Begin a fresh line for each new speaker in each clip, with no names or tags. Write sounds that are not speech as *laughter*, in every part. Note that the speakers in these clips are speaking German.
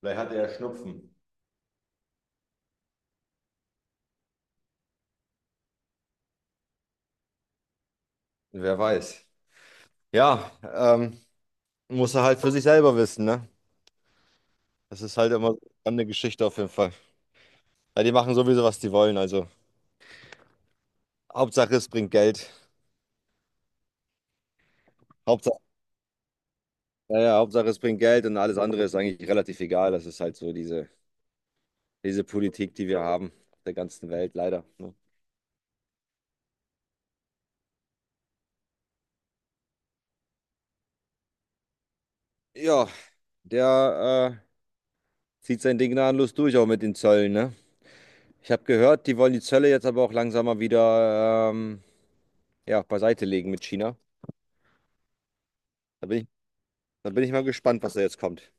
Vielleicht hatte er Schnupfen. Wer weiß. Ja, muss er halt für sich selber wissen, ne? Das ist halt immer eine Geschichte auf jeden Fall. Weil die machen sowieso, was die wollen. Also Hauptsache es bringt Geld. Hauptsache, ja, ja, Hauptsache es bringt Geld und alles andere ist eigentlich relativ egal. Das ist halt so diese Politik, die wir haben, der ganzen Welt leider. Ne? Ja, der zieht sein Ding gnadenlos durch, auch mit den Zöllen, ne? Ich habe gehört, die wollen die Zölle jetzt aber auch langsam mal wieder ja, beiseite legen mit China. Da bin ich Da bin ich mal gespannt, was da jetzt kommt.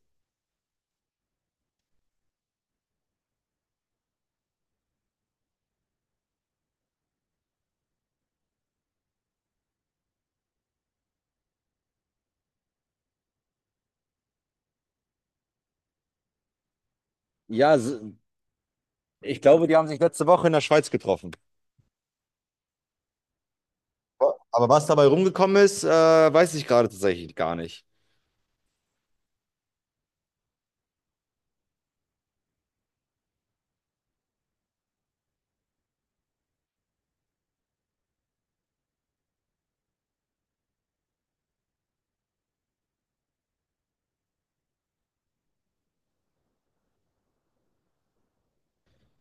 Ja, ich glaube, die haben sich letzte Woche in der Schweiz getroffen. Aber was dabei rumgekommen ist, weiß ich gerade tatsächlich gar nicht.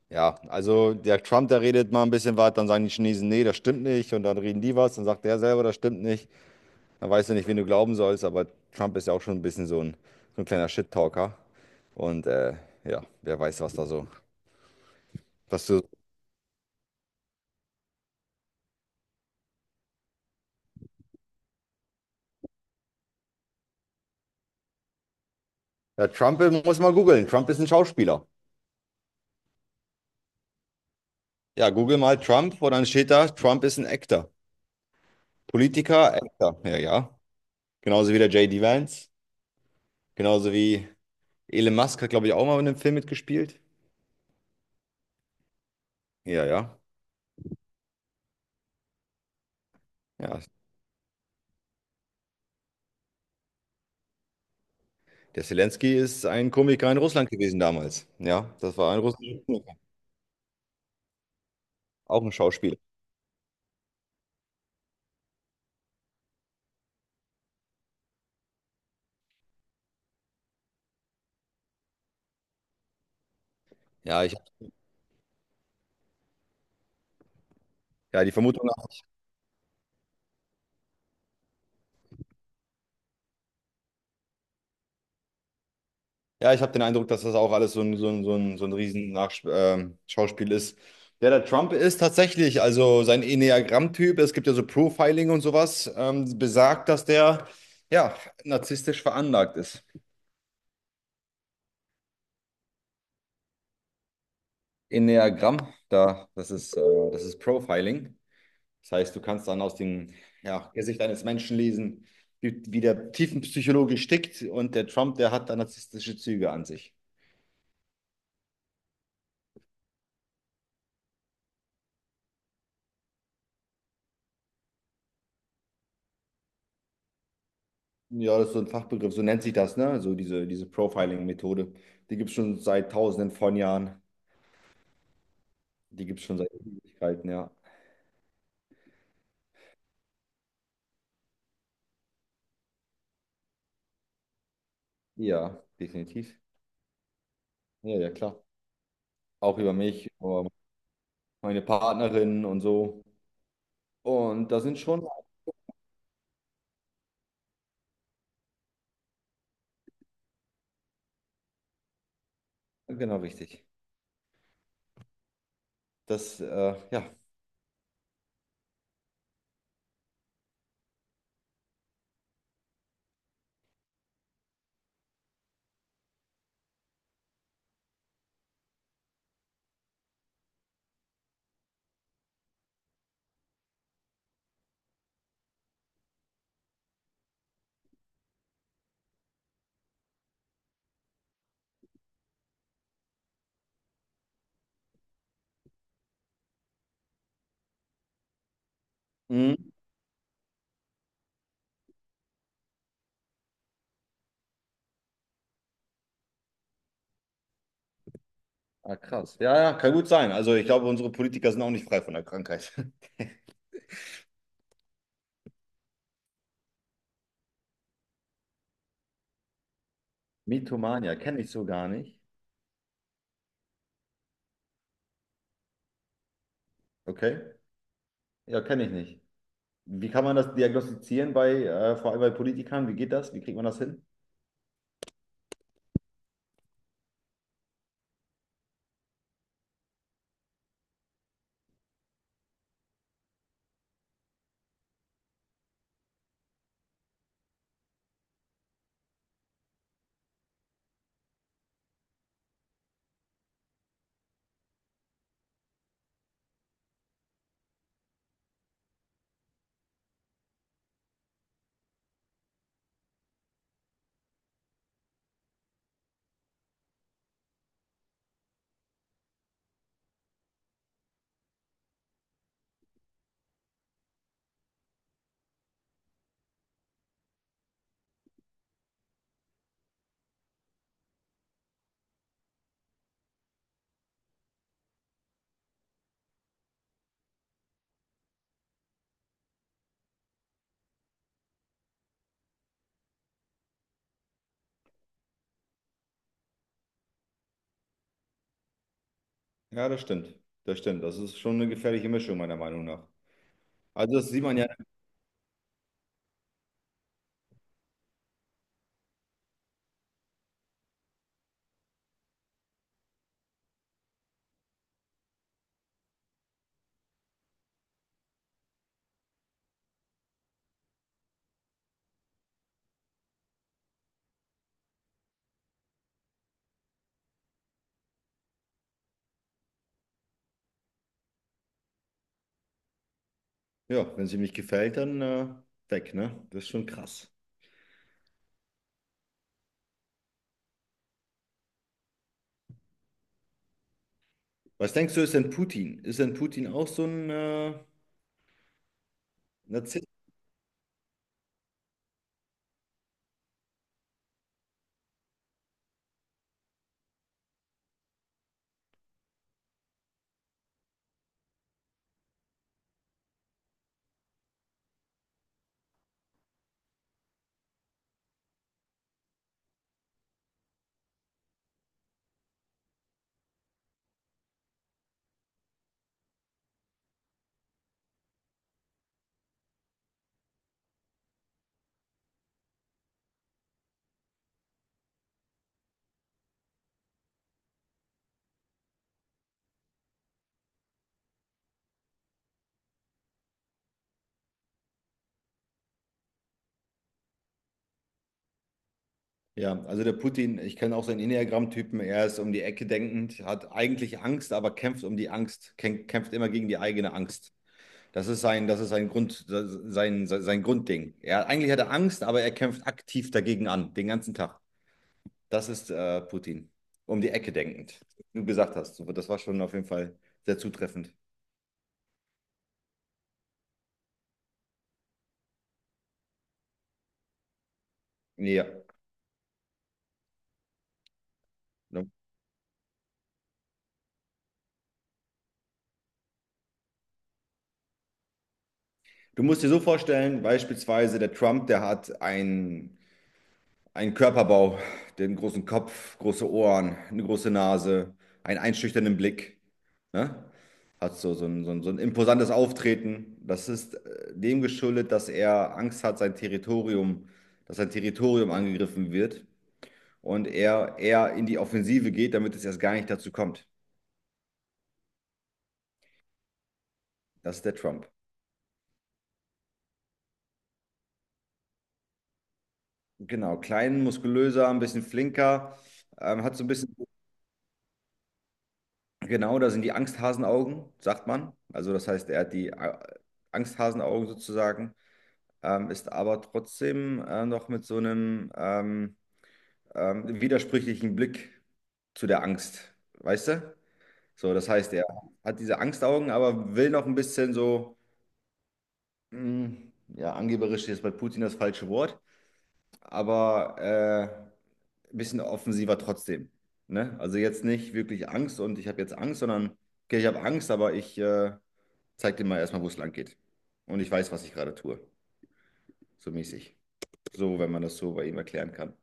Ja, also der Trump, der redet mal ein bisschen was, dann sagen die Chinesen, nee, das stimmt nicht. Und dann reden die was, dann sagt der selber, das stimmt nicht. Dann weißt du nicht, wen du glauben sollst, aber Trump ist ja auch schon ein bisschen so ein kleiner Shit-Talker. Und ja, wer weiß, was da so. Was du, ja, Trump muss mal googeln. Trump ist ein Schauspieler. Ja, google mal Trump und dann steht da, Trump ist ein Actor. Politiker, Actor, ja, ja. Genauso wie der J.D. Vance. Genauso wie Elon Musk hat, glaube ich, auch mal in einem Film mitgespielt. Ja, ja. Ja. Der Zelensky ist ein Komiker in Russland gewesen damals. Ja, das war ein russischer Komiker, auch ein Schauspieler. Ja, ich, ja, die Vermutung, ja, ich habe den Eindruck, dass das auch alles so ein riesen Nach Schauspiel ist. Der Trump ist tatsächlich, also sein Enneagramm-Typ. Es gibt ja so Profiling und sowas, besagt, dass der, ja, narzisstisch veranlagt ist. Enneagramm, das ist Profiling. Das heißt, du kannst dann aus dem ja, Gesicht eines Menschen lesen, wie der Tiefenpsychologe tickt und der Trump, der hat da narzisstische Züge an sich. Ja, das ist so ein Fachbegriff, so nennt sich das, ne? So diese Profiling-Methode. Die gibt es schon seit tausenden von Jahren. Die gibt es schon seit Ewigkeiten, ja. Ja, definitiv. Ja, ja, klar. Auch über mich, über meine Partnerin und so. Und da sind schon, genau richtig. Das, ja. Mhm. Ah, krass. Ja, ja, kann gut sein. Also ich glaube, unsere Politiker sind auch nicht frei von der Krankheit. *laughs* Mythomania, kenne ich so gar nicht. Okay. Ja, kenne ich nicht. Wie kann man das diagnostizieren bei, vor allem bei Politikern? Wie geht das? Wie kriegt man das hin? Ja, das stimmt. Das stimmt. Das ist schon eine gefährliche Mischung, meiner Meinung nach. Also das sieht man ja, ja, wenn es ihm nicht gefällt, dann weg, ne? Das ist schon krass. Was denkst du, ist denn Putin? Ist denn Putin auch so ein Narzisst? Ja, also der Putin, ich kenne auch seinen Enneagramm-Typen, er ist um die Ecke denkend, hat eigentlich Angst, aber kämpft um die Angst, kämpft immer gegen die eigene Angst. Das ist sein Grund, sein Grundding. Er, eigentlich hat er Angst, aber er kämpft aktiv dagegen an, den ganzen Tag. Das ist Putin, um die Ecke denkend. Wie du gesagt hast, so, das war schon auf jeden Fall sehr zutreffend. Ja. Ne? Du musst dir so vorstellen, beispielsweise der Trump, der hat ein Körperbau, den großen Kopf, große Ohren, eine große Nase, einen einschüchternden Blick. Ne? Hat so, so ein imposantes Auftreten. Das ist dem geschuldet, dass er Angst hat, sein Territorium, dass sein Territorium angegriffen wird und er eher in die Offensive geht, damit es erst gar nicht dazu kommt. Das ist der Trump. Genau, klein, muskulöser, ein bisschen flinker, hat so ein bisschen Genau, da sind die Angsthasenaugen, sagt man. Also das heißt, er hat die Angsthasenaugen sozusagen, ist aber trotzdem noch mit so einem widersprüchlichen Blick zu der Angst, weißt du? So, das heißt, er hat diese Angstaugen, aber will noch ein bisschen so, mh, ja, angeberisch ist jetzt bei Putin das falsche Wort, aber ein bisschen offensiver trotzdem. Ne? Also jetzt nicht wirklich Angst und ich habe jetzt Angst, sondern, okay, ich habe Angst, aber ich... Zeig dir mal erstmal, wo es lang geht. Und ich weiß, was ich gerade tue. So mäßig. So, wenn man das so bei ihm erklären kann.